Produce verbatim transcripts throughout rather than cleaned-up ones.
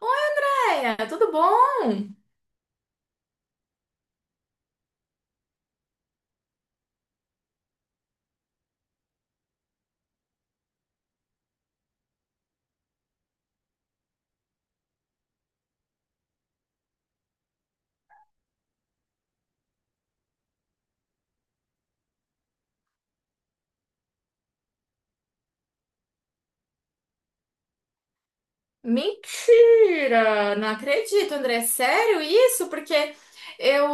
Andréia, tudo bom? Mentira! Não acredito, André. Sério isso? Porque eu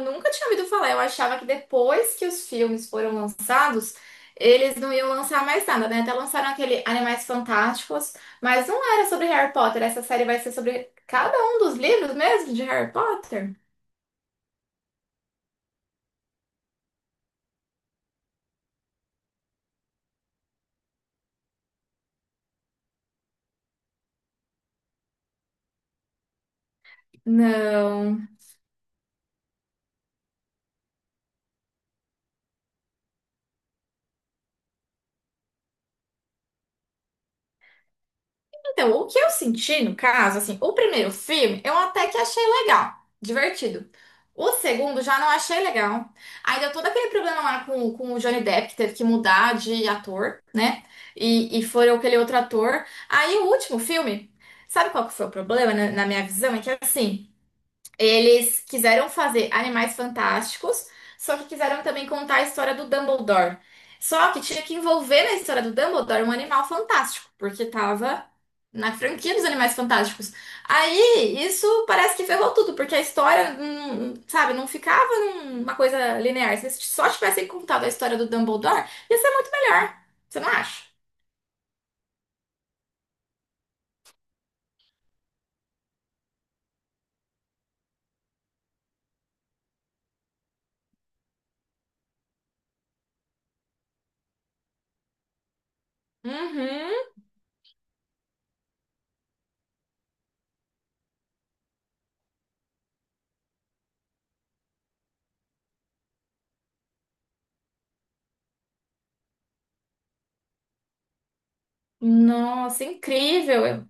nunca tinha ouvido falar. Eu achava que depois que os filmes foram lançados, eles não iam lançar mais nada, né? Até lançaram aquele Animais Fantásticos, mas não era sobre Harry Potter. Essa série vai ser sobre cada um dos livros mesmo de Harry Potter? Não. Então, o que eu senti no caso, assim, o primeiro filme eu até que achei legal, divertido. O segundo já não achei legal. Aí deu todo aquele problema lá com, com o Johnny Depp, que teve que mudar de ator, né? E, e foi aquele outro ator. Aí o último filme, sabe qual que foi o problema, na, na minha visão? É que assim. Eles quiseram fazer Animais Fantásticos, só que quiseram também contar a história do Dumbledore. Só que tinha que envolver na história do Dumbledore um animal fantástico, porque tava na franquia dos Animais Fantásticos. Aí isso parece que ferrou tudo, porque a história, hum, sabe, não ficava numa coisa linear. Se só tivessem contado a história do Dumbledore, ia ser muito melhor. Você não acha? Uhum. Nossa, incrível.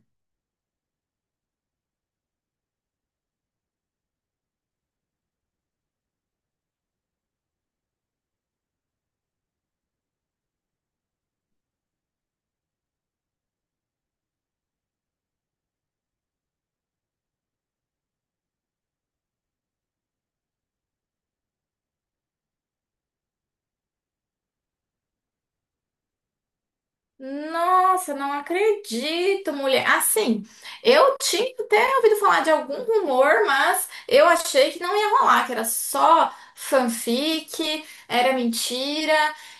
Nossa, não acredito, mulher. Assim, eu tinha até ouvido falar de algum rumor, mas eu achei que não ia rolar, que era só fanfic, era mentira.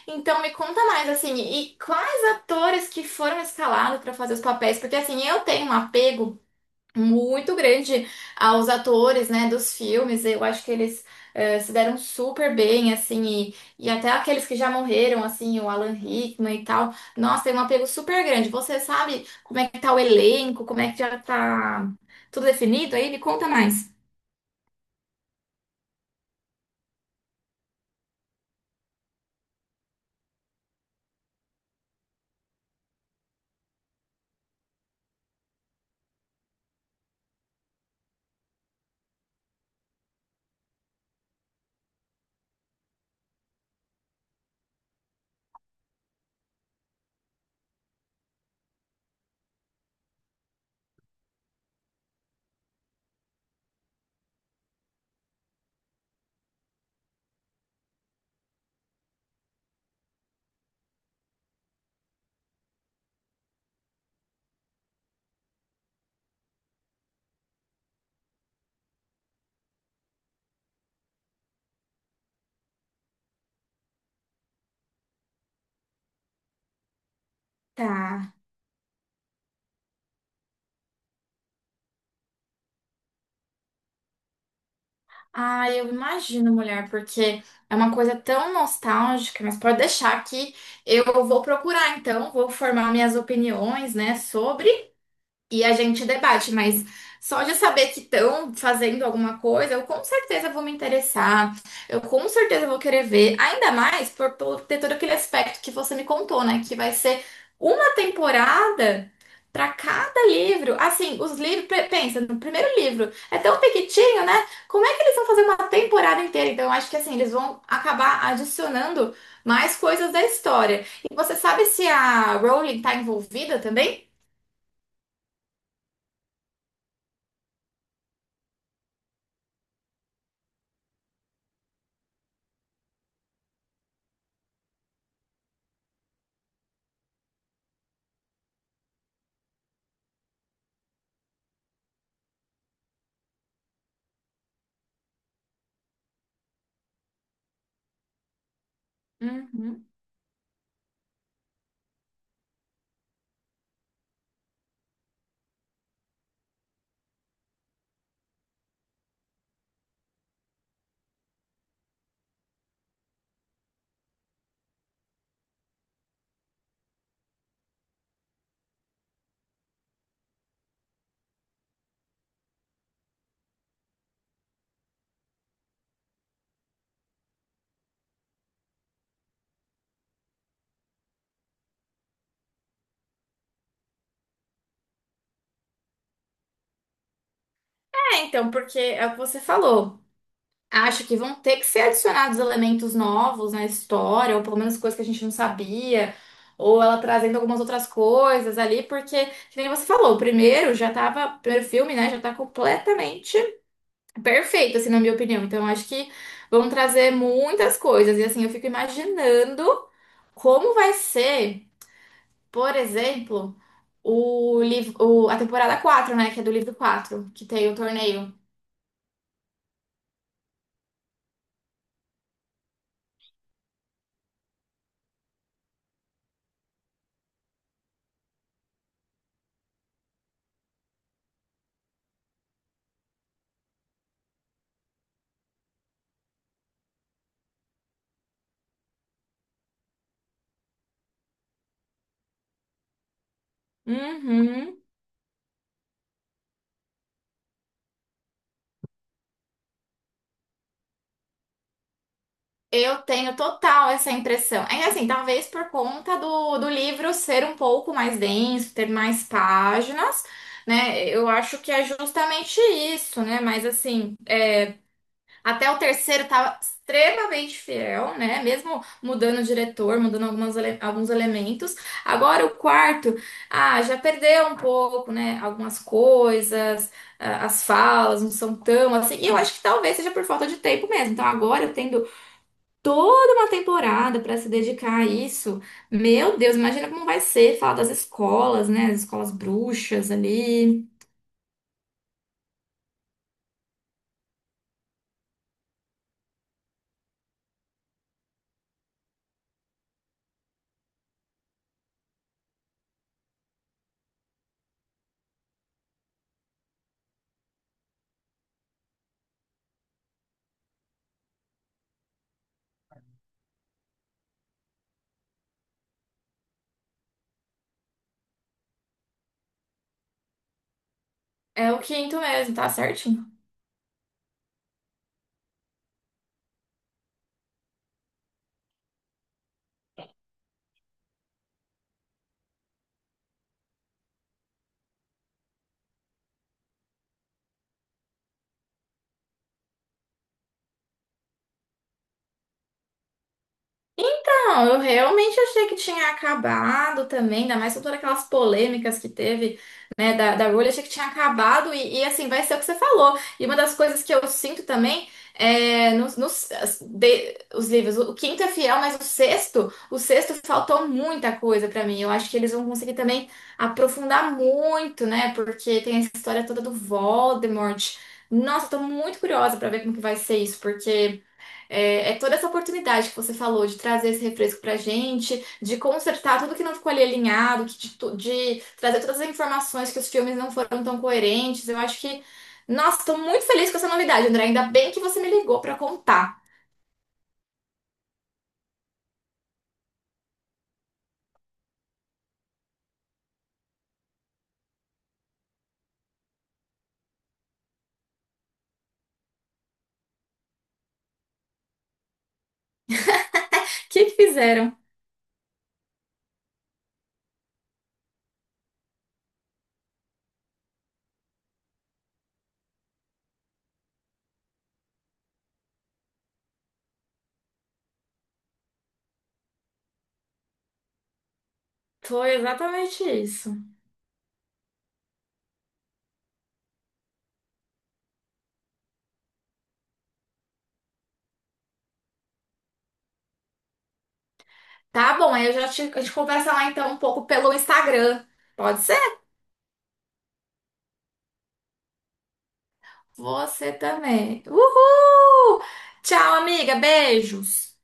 Então me conta mais, assim, e quais atores que foram escalados para fazer os papéis? Porque assim, eu tenho um apego muito grande aos atores, né, dos filmes. Eu acho que eles eh, se deram super bem, assim, e, e até aqueles que já morreram, assim, o Alan Rickman e tal. Nossa, tem um apego super grande. Você sabe como é que tá o elenco, como é que já tá tudo definido aí? Me conta mais. Tá. Ah, eu imagino, mulher, porque é uma coisa tão nostálgica, mas pode deixar que eu vou procurar, então, vou formar minhas opiniões, né, sobre. E a gente debate, mas só de saber que estão fazendo alguma coisa, eu com certeza vou me interessar, eu com certeza vou querer ver, ainda mais por, por ter todo aquele aspecto que você me contou, né? Que vai ser uma temporada para cada livro. Assim, os livros, pe- pensa, no primeiro livro é tão pequitinho, né? Como é que eles vão fazer uma temporada inteira? Então, eu acho que assim, eles vão acabar adicionando mais coisas da história. E você sabe se a Rowling tá envolvida também? Uhum. É, então, porque é o que você falou. Acho que vão ter que ser adicionados elementos novos na história, ou pelo menos coisas que a gente não sabia, ou ela trazendo algumas outras coisas ali, porque, que nem você falou, o primeiro já tava, o primeiro filme, né, já tá completamente perfeito, assim, na minha opinião. Então, acho que vão trazer muitas coisas. E, assim, eu fico imaginando como vai ser, por exemplo, o livro, o- a temporada quatro né, que é do livro quatro que tem o torneio. Uhum. Eu tenho total essa impressão. É assim, talvez por conta do, do livro ser um pouco mais denso, ter mais páginas, né? Eu acho que é justamente isso, né? Mas assim, é, até o terceiro estava extremamente fiel, né? Mesmo mudando o diretor, mudando algumas, ele- alguns elementos. Agora o quarto, ah, já perdeu um pouco, né? Algumas coisas ah, as falas não são tão assim. E eu acho que talvez seja por falta de tempo mesmo. Então, agora eu tendo toda uma temporada para se dedicar a isso. Meu Deus, imagina como vai ser falar das escolas, né? As escolas bruxas ali. É o quinto mesmo, tá certinho. Então, eu realmente achei que tinha acabado também, ainda mais com todas aquelas polêmicas que teve, né, da, da Rowling, achei que tinha acabado e, e, assim, vai ser o que você falou. E uma das coisas que eu sinto também é nos, nos- as- de- os livros, o, o quinto é fiel, mas o sexto, o sexto faltou muita coisa pra mim. Eu acho que eles vão conseguir também aprofundar muito, né, porque tem essa história toda do Voldemort. Nossa, eu tô muito curiosa pra ver como que vai ser isso, porque é, é toda essa oportunidade que você falou de trazer esse refresco pra gente, de consertar tudo que não ficou ali alinhado, de, tu- de trazer todas as informações que os filmes não foram tão coerentes. Eu acho que. Nossa, tô muito feliz com essa novidade, André. Ainda bem que você me ligou pra contar. O que que fizeram? Foi exatamente isso. Tá bom, aí eu já te, a gente conversa lá então um pouco pelo Instagram. Pode ser? Você também. Uhul! Tchau, amiga. Beijos.